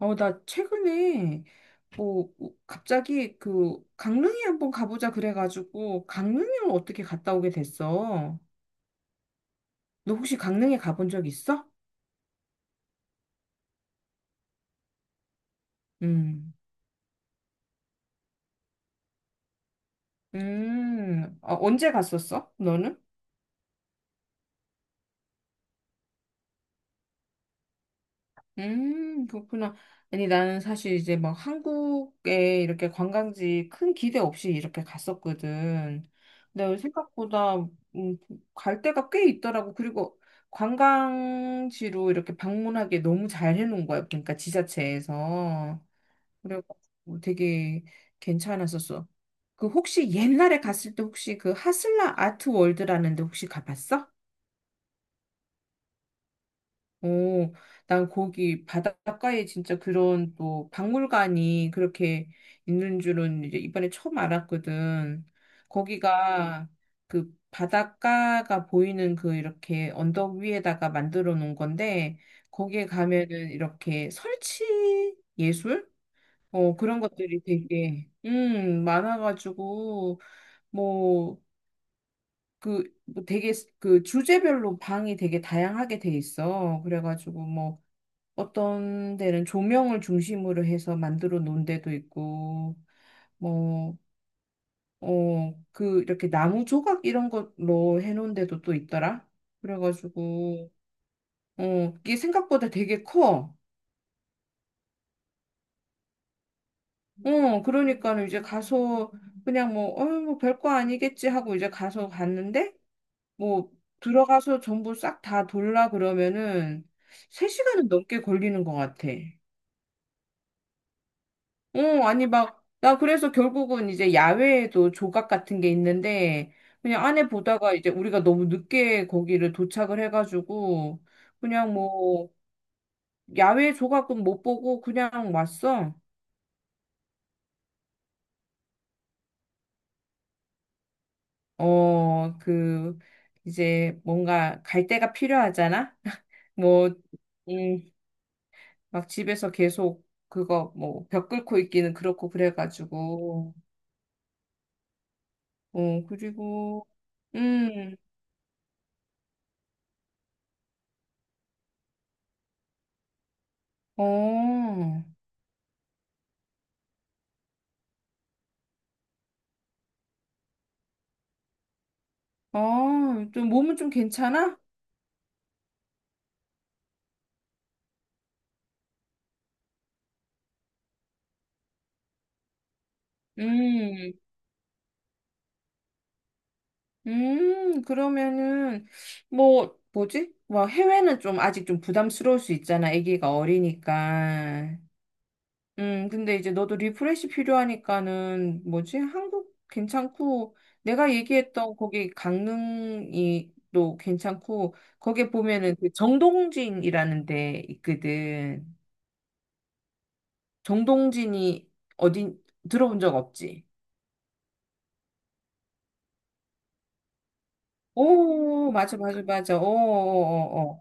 나 최근에 뭐 갑자기 그 강릉에 한번 가보자 그래가지고 강릉을 어떻게 갔다 오게 됐어? 너 혹시 강릉에 가본 적 있어? 음, 어, 언제 갔었어? 너는? 그렇구나. 아니, 나는 사실 이제 막 한국에 이렇게 관광지 큰 기대 없이 이렇게 갔었거든. 근데 생각보다 음, 갈 데가 꽤 있더라고. 그리고 관광지로 이렇게 방문하게 너무 잘 해놓은 거야. 그러니까 지자체에서. 그래가지고 되게 괜찮았었어. 그 혹시 옛날에 갔을 때 혹시 그 하슬라 아트 월드라는 데 혹시 가봤어? 오, 난 거기 바닷가에 진짜 그런 또 박물관이 그렇게 있는 줄은 이제 이번에 처음 알았거든. 거기가 그 바닷가가 보이는 그 이렇게 언덕 위에다가 만들어 놓은 건데, 거기에 가면은 이렇게 설치 예술? 그런 것들이 되게, 많아가지고, 뭐, 그, 뭐 그 주제별로 방이 되게 다양하게 돼 있어. 그래가지고 어떤 데는 조명을 중심으로 해서 만들어 놓은 데도 있고, 뭐, 이렇게 나무 조각 이런 걸로 해놓은 데도 또 있더라. 그래가지고, 어, 이게 생각보다 되게 커. 그러니까는 이제 가서 그냥 뭐 별거 아니겠지 하고 이제 가서 갔는데, 뭐, 들어가서 전부 싹 다 돌라 그러면은 3시간은 넘게 걸리는 것 같아. 어, 아니, 나 그래서 결국은 이제 야외에도 조각 같은 게 있는데, 그냥 안에 보다가 이제 우리가 너무 늦게 거기를 도착을 해가지고, 그냥 야외 조각은 못 보고 그냥 왔어. 어, 그, 이제 뭔가 갈 데가 필요하잖아? 뭐, 음, 막 집에서 계속 그거 뭐, 벽 끓고 있기는 그렇고 그래가지고, 그리고, 음, 어. 어, 좀 몸은 좀 괜찮아? 음, 그러면은, 뭐지? 뭐, 해외는 좀 아직 좀 부담스러울 수 있잖아. 아기가 어리니까. 근데 이제 너도 리프레시 필요하니까는, 뭐지? 한국 괜찮고, 내가 얘기했던 거기 강릉이 또 괜찮고, 거기 보면은 그 정동진이라는 데 있거든. 정동진이 어디 들어본 적 없지? 오, 맞아, 맞아, 맞아. 어, 어,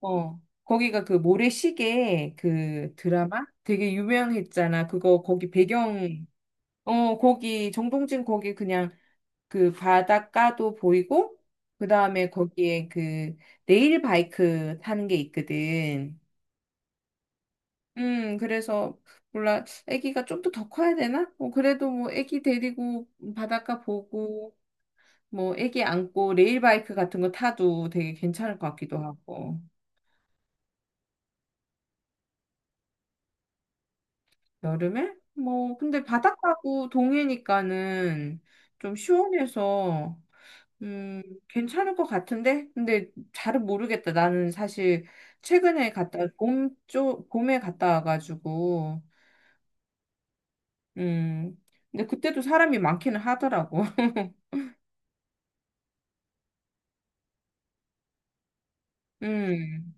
어, 어. 어. 거기가 그 모래시계 그 드라마 되게 유명했잖아. 그거 거기 배경, 어, 거기 정동진 거기 그냥 그 바닷가도 보이고, 그 다음에 거기에 그 레일 바이크 타는 게 있거든. 그래서 몰라. 아기가 좀 더 커야 되나? 뭐 그래도 뭐 애기 데리고 바닷가 보고 뭐 애기 안고 레일바이크 같은 거 타도 되게 괜찮을 것 같기도 하고 여름에 뭐 근데 바닷가고 동해니까는 좀 시원해서 음 괜찮을 것 같은데 근데 잘은 모르겠다 나는 사실 최근에 갔다 봄쪽 봄에 갔다 와가지고 음 근데 그때도 사람이 많기는 하더라고 음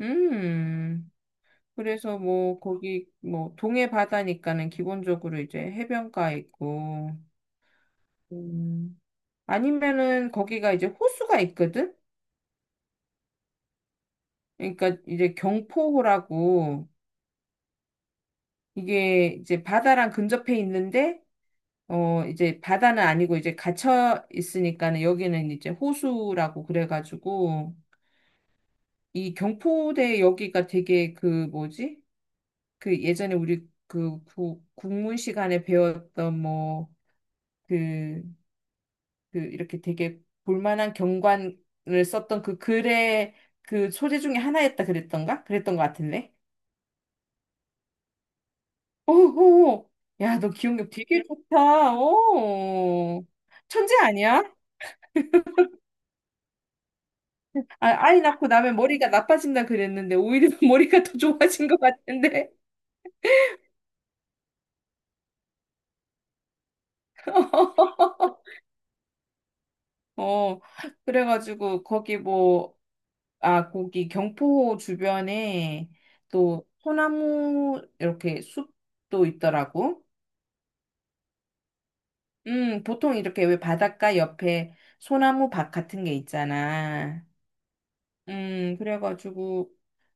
음. 그래서 뭐 거기 뭐 동해 바다니까는 기본적으로 이제 해변가 있고 음, 아니면은 거기가 이제 호수가 있거든. 그러니까 이제 경포호라고 이게 이제 바다랑 근접해 있는데 어 이제 바다는 아니고 이제 갇혀 있으니까는 여기는 이제 호수라고 그래가지고 이 경포대 여기가 되게 그 뭐지? 그 예전에 우리 그 국문 시간에 배웠던 뭐그 그 이렇게 되게 볼만한 경관을 썼던 그 글의 그 소재 중에 하나였다 그랬던가? 그랬던 것 같은데. 오호. 야, 너 기억력 되게 좋다. 오. 천재 아니야? 아, 아이 낳고 나면 머리가 나빠진다 그랬는데 오히려 머리가 더 좋아진 것 같은데. 어. 그래가지고 거기 뭐 아, 거기 경포 주변에 또 소나무 이렇게 숲도 있더라고. 보통 이렇게 왜 바닷가 옆에 소나무 밭 같은 게 있잖아. 그래가지고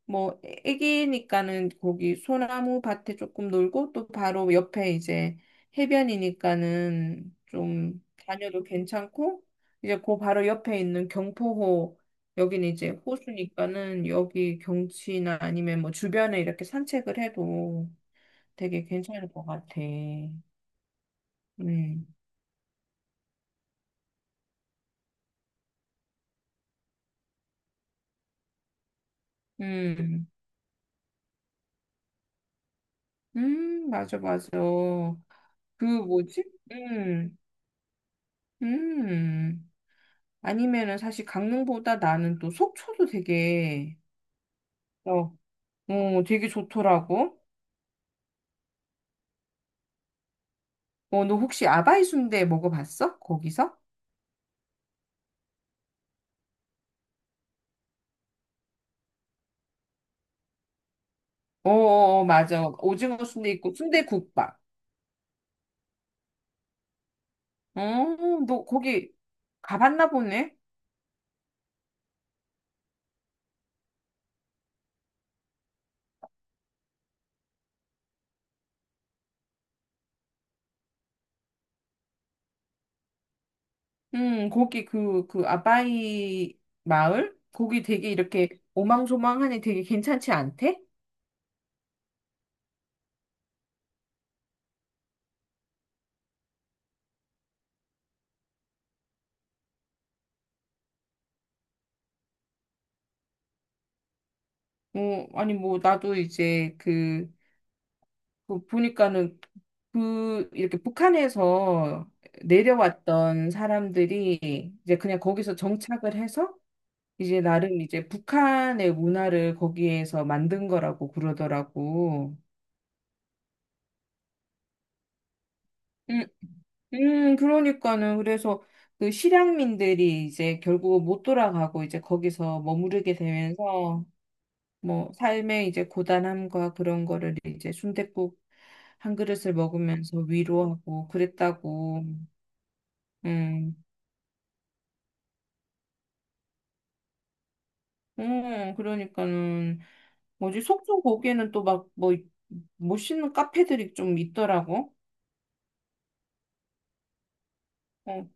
뭐 애기니까는 거기 소나무 밭에 조금 놀고 또 바로 옆에 이제 해변이니까는 좀 다녀도 괜찮고 이제 그 바로 옆에 있는 경포호 여기는 이제 호수니까는 여기 경치나 아니면 뭐 주변에 이렇게 산책을 해도 되게 괜찮을 것 같아. 음. 음. 맞아, 맞아. 그 뭐지? 음, 음. 아니면은 사실 강릉보다 나는 또 속초도 되게, 어, 되게 좋더라고. 어, 너 혹시 아바이 순대 먹어봤어? 거기서? 어, 어, 어, 맞아. 오징어 순대 있고 순대국밥. 어, 너 거기 가봤나 보네? 거기 그 아바이 마을? 거기 되게 이렇게 오망소망하니 되게 괜찮지 않대? 어, 아니, 뭐, 나도 이제 그 보니까는 그 이렇게 북한에서 내려왔던 사람들이 이제 그냥 거기서 정착을 해서 이제 나름 이제 북한의 문화를 거기에서 만든 거라고 그러더라고. 음, 그러니까는 그래서 그 실향민들이 이제 결국 못 돌아가고 이제 거기서 머무르게 되면서 뭐 삶의 이제 고단함과 그런 거를 이제 순댓국 한 그릇을 먹으면서 위로하고 그랬다고. 음. 어, 그러니까는 뭐지 속초 거기에는 또 막 뭐 멋있는 카페들이 좀 있더라고. 어,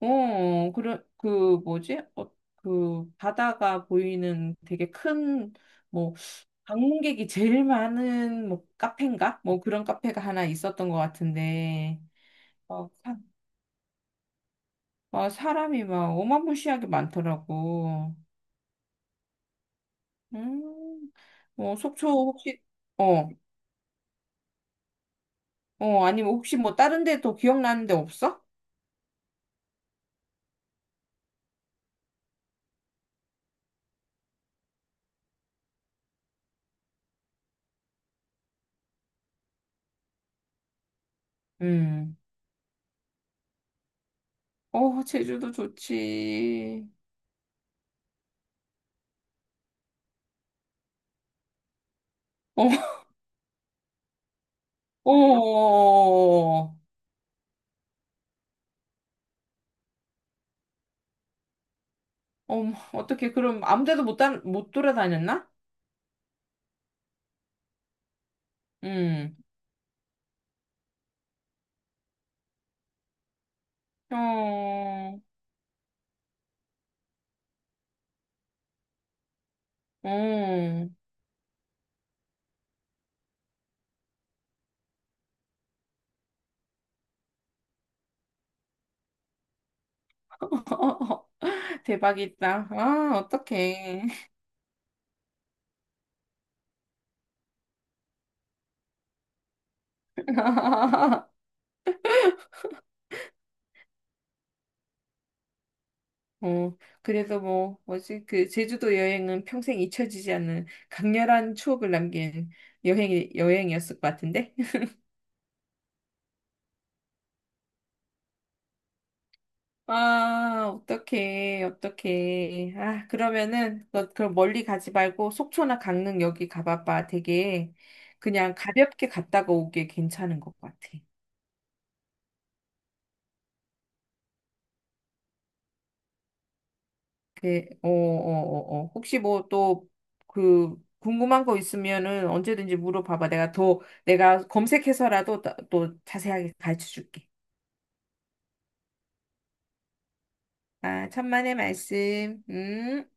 그런 그 뭐지? 어, 그 바다가 보이는 되게 큰 뭐 방문객이 제일 많은 뭐 카페인가? 뭐 그런 카페가 하나 있었던 것 같은데. 어, 사, 어, 사람이 막 어마무시하게 많더라고. 음, 뭐 속초 혹시 어, 아니면 혹시 뭐 다른 데또 기억나는 데 없어? 음. 어, 제주도 좋지. 어, 어, 어떻게, 그럼 아무 데도 못, 다, 못 돌아다녔나? 음. 어, 어. 대박이다. 아, 어떡해. 어, 그래도 뭐, 뭐지, 그, 제주도 여행은 평생 잊혀지지 않는 강렬한 추억을 남긴 여행이었을 것 같은데? 아, 어떡해, 어떡해. 아, 그러면은, 너 그럼 멀리 가지 말고 속초나 강릉 여기 가봐봐. 되게 그냥 가볍게 갔다가 오기에 괜찮은 것 같아. 그, 어. 혹시 뭐 또 그 궁금한 거 있으면은 언제든지 물어봐봐. 내가 검색해서라도 또, 또 자세하게 가르쳐 줄게. 아, 천만의 말씀. 음.